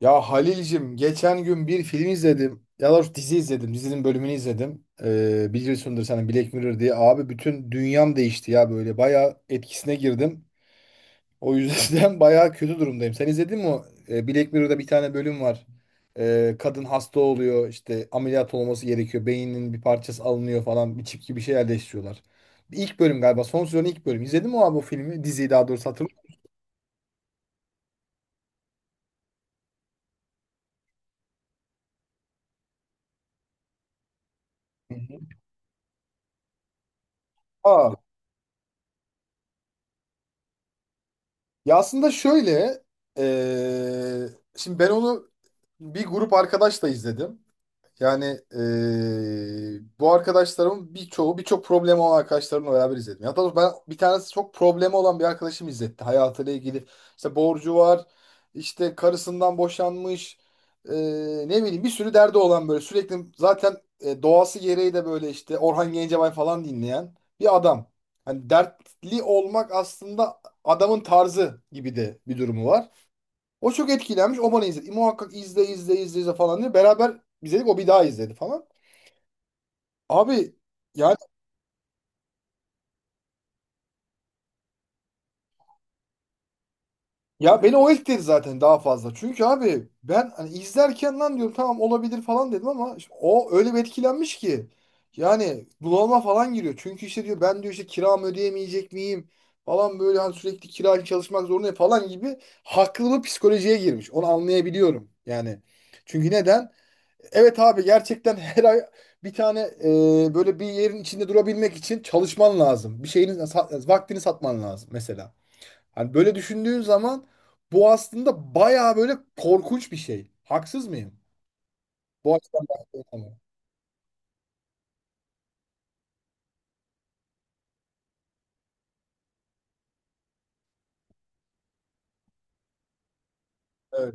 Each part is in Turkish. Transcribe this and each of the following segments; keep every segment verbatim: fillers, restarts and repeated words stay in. Ya Halil'cim geçen gün bir film izledim. Ya da dizi izledim. Dizinin bölümünü izledim. Ee, biliyorsundur sen Black Mirror diye. Abi bütün dünyam değişti ya böyle. Bayağı etkisine girdim. O yüzden bayağı kötü durumdayım. Sen izledin mi o? Ee, Black Mirror'da bir tane bölüm var. Ee, kadın hasta oluyor. İşte ameliyat olması gerekiyor. Beyninin bir parçası alınıyor falan. Bir çip gibi bir şey yerleştiriyorlar. İlk bölüm galiba. Son sezonun ilk bölümü. İzledin mi abi o filmi? Diziyi daha doğrusu hatırlıyor. Aa. Ya aslında şöyle, eee, şimdi ben onu bir grup arkadaşla izledim. Yani eee, bu arkadaşlarımın birçoğu birçok problemi olan arkadaşlarımla beraber izledim. Ya doğrusu ben bir tanesi çok problemi olan bir arkadaşım izletti. Hayatıyla ilgili işte borcu var, işte karısından boşanmış, eee, ne bileyim bir sürü derdi olan böyle sürekli zaten e, doğası gereği de böyle işte Orhan Gencebay falan dinleyen bir adam. Hani dertli olmak aslında adamın tarzı gibi de bir durumu var. O çok etkilenmiş. O bana izledi. E, muhakkak izle izle izle, izle falan diye. Beraber izledik. O bir daha izledi falan. Abi yani ya beni o etkiledi zaten daha fazla. Çünkü abi ben hani izlerken lan diyorum tamam olabilir falan dedim ama işte o öyle bir etkilenmiş ki. Yani bunalıma falan giriyor. Çünkü işte diyor ben diyor işte kiramı ödeyemeyecek miyim falan böyle hani sürekli kira için çalışmak zorundayım falan gibi haklı bir psikolojiye girmiş. Onu anlayabiliyorum. Yani çünkü neden? Evet abi gerçekten her ay bir tane e, böyle bir yerin içinde durabilmek için çalışman lazım. Bir şeyin sa- vaktini satman lazım mesela. Hani böyle düşündüğün zaman bu aslında bayağı böyle korkunç bir şey. Haksız mıyım? Bu açıdan baktığım Evet.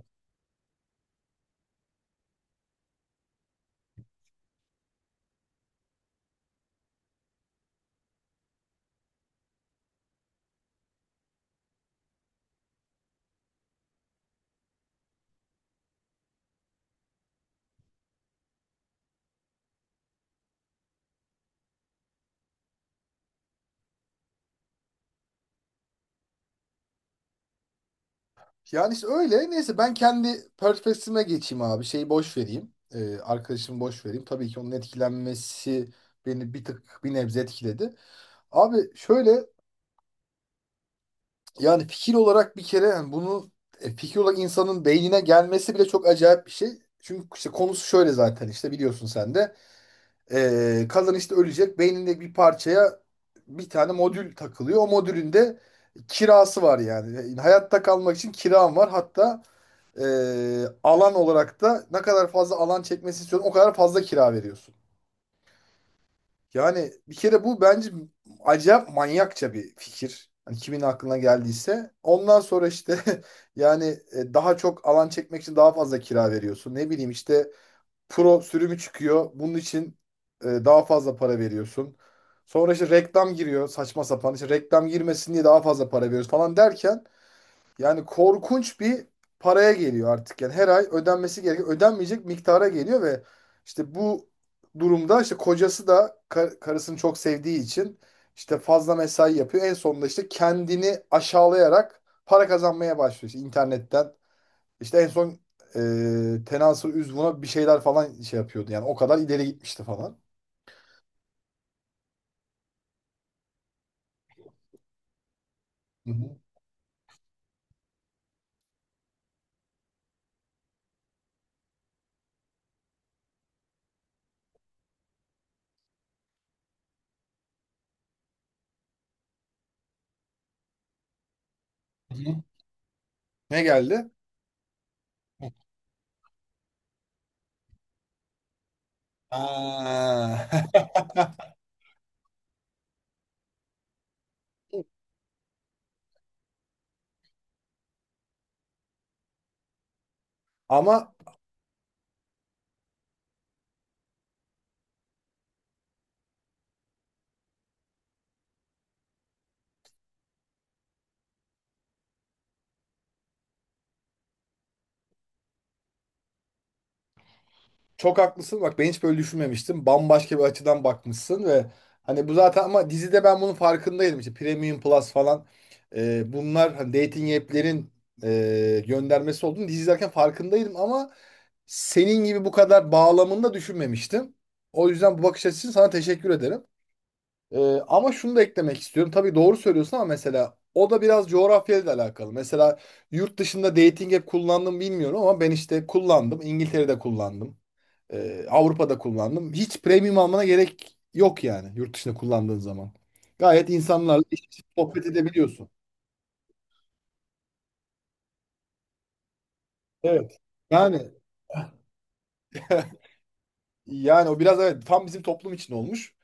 Yani işte öyle. Neyse ben kendi perspektifime geçeyim abi. Şeyi boş vereyim. E, arkadaşımı boş vereyim. Tabii ki onun etkilenmesi beni bir tık bir nebze etkiledi. Abi şöyle, yani fikir olarak bir kere yani bunu e, fikir olarak insanın beynine gelmesi bile çok acayip bir şey. Çünkü işte konusu şöyle zaten işte biliyorsun sen de. Ee, kadın işte ölecek. Beyninde bir parçaya bir tane modül takılıyor. O modülün de kirası var yani. Yani hayatta kalmak için kiram var. Hatta e, alan olarak da ne kadar fazla alan çekmesi istiyorsan o kadar fazla kira veriyorsun. Yani bir kere bu bence acayip manyakça bir fikir. Hani kimin aklına geldiyse. Ondan sonra işte yani e, daha çok alan çekmek için daha fazla kira veriyorsun. Ne bileyim işte pro sürümü çıkıyor. Bunun için e, daha fazla para veriyorsun. Sonra işte reklam giriyor saçma sapan. İşte reklam girmesin diye daha fazla para veriyoruz falan derken yani korkunç bir paraya geliyor artık. Yani her ay ödenmesi gereken, ödenmeyecek miktara geliyor ve işte bu durumda işte kocası da kar- karısını çok sevdiği için işte fazla mesai yapıyor. En sonunda işte kendini aşağılayarak para kazanmaya başlıyor işte internetten. İşte en son e, Tenasül Üzvun'a bir şeyler falan şey yapıyordu. Yani o kadar ileri gitmişti falan. Hı hı. Hı hı. Ne geldi? Aa. Ama çok haklısın. Bak ben hiç böyle düşünmemiştim. Bambaşka bir açıdan bakmışsın ve hani bu zaten ama dizide ben bunun farkındaydım. İşte Premium Plus falan, e, bunlar hani dating app'lerin e, göndermesi olduğunu dizi izlerken farkındaydım ama senin gibi bu kadar bağlamında düşünmemiştim. O yüzden bu bakış açısı için sana teşekkür ederim. E, ama şunu da eklemek istiyorum. Tabii doğru söylüyorsun ama mesela o da biraz coğrafyayla da alakalı. Mesela yurt dışında dating app kullandım bilmiyorum ama ben işte kullandım. İngiltere'de kullandım. Ee, Avrupa'da kullandım. Hiç premium almana gerek yok yani yurt dışında kullandığın zaman. Gayet insanlarla iç içe sohbet edebiliyorsun. Evet. Yani yani o biraz evet tam bizim toplum için olmuş.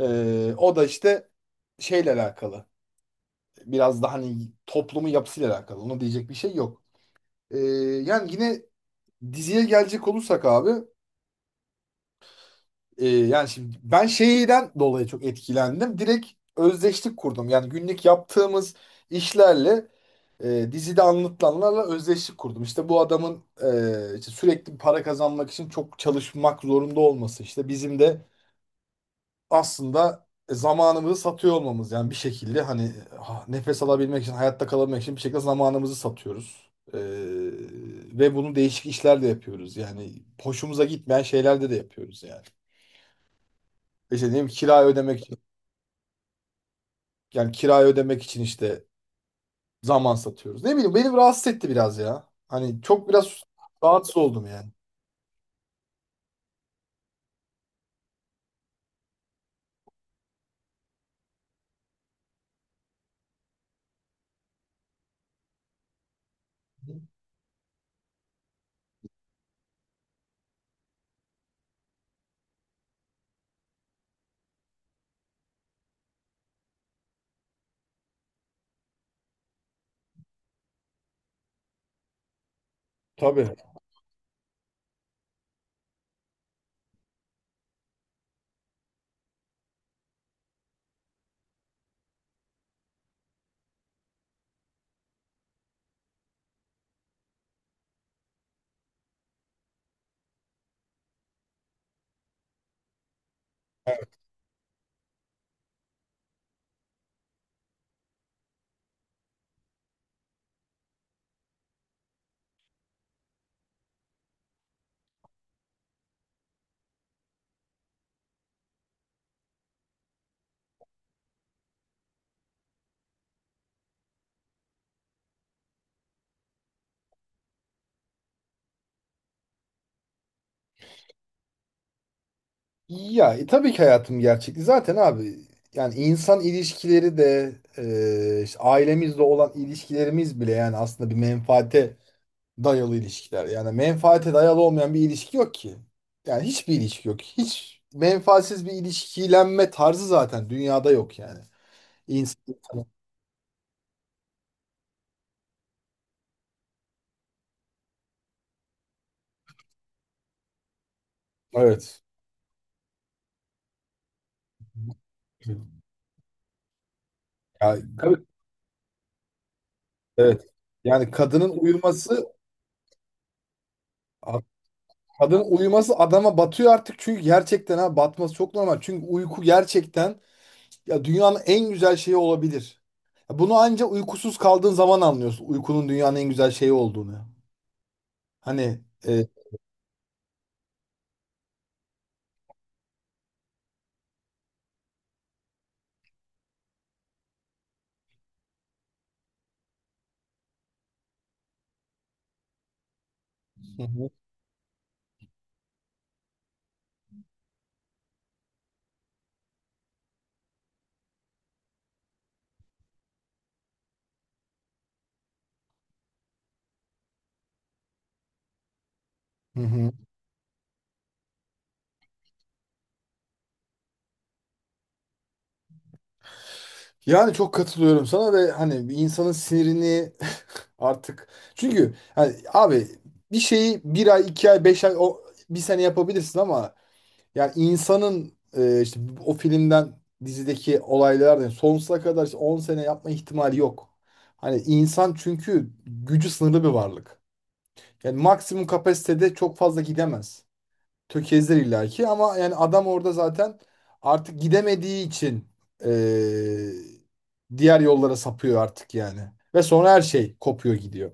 Ee, o da işte şeyle alakalı. Biraz da hani toplumun yapısıyla alakalı. Ona diyecek bir şey yok. Ee, Yani yine diziye gelecek olursak abi, Ee, yani şimdi ben şeyden dolayı çok etkilendim. Direkt özdeşlik kurdum. Yani günlük yaptığımız işlerle e, dizide anlatılanlarla özdeşlik kurdum. İşte bu adamın e, işte sürekli para kazanmak için çok çalışmak zorunda olması. İşte bizim de aslında e, zamanımızı satıyor olmamız. Yani bir şekilde hani ah, nefes alabilmek için, hayatta kalabilmek için bir şekilde zamanımızı satıyoruz. Ee, Ve bunu değişik işlerle yapıyoruz. Yani hoşumuza gitmeyen şeylerde de yapıyoruz yani. İşte diyeyim kirayı ödemek için yani kirayı ödemek için işte zaman satıyoruz. Ne bileyim beni rahatsız etti biraz ya. Hani çok biraz rahatsız oldum yani. Tabii. Ya e, tabii ki hayatım gerçekliği zaten abi yani insan ilişkileri de e, işte ailemizle olan ilişkilerimiz bile yani aslında bir menfaate dayalı ilişkiler. Yani menfaate dayalı olmayan bir ilişki yok ki. Yani hiçbir ilişki yok. Hiç menfaatsiz bir ilişkilenme tarzı zaten dünyada yok yani. İnsan, evet. Ya, tabii evet. Yani kadının uyuması kadının uyuması adama batıyor artık çünkü gerçekten ha batması çok normal. Çünkü uyku gerçekten ya dünyanın en güzel şeyi olabilir. Ya bunu anca uykusuz kaldığın zaman anlıyorsun uykunun dünyanın en güzel şeyi olduğunu. Hani e, hı hı. Hı hı. Yani çok katılıyorum sana ve hani bir insanın sinirini artık çünkü hani abi bir şeyi bir ay iki ay beş ay o bir sene yapabilirsin ama yani insanın e, işte o filmden dizideki olaylardan sonsuza kadar işte on sene yapma ihtimali yok. Hani insan çünkü gücü sınırlı bir varlık. Yani maksimum kapasitede çok fazla gidemez. Tökezler illaki ama yani adam orada zaten artık gidemediği için e, diğer yollara sapıyor artık yani. Ve sonra her şey kopuyor gidiyor.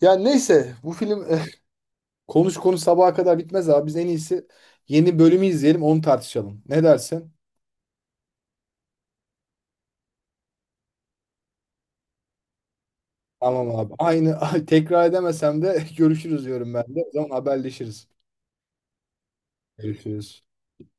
Yani neyse bu film konuş konuş sabaha kadar bitmez abi. Biz en iyisi yeni bölümü izleyelim onu tartışalım. Ne dersin? Tamam abi. Aynı tekrar edemesem de görüşürüz diyorum ben de. O zaman haberleşiriz. Görüşürüz.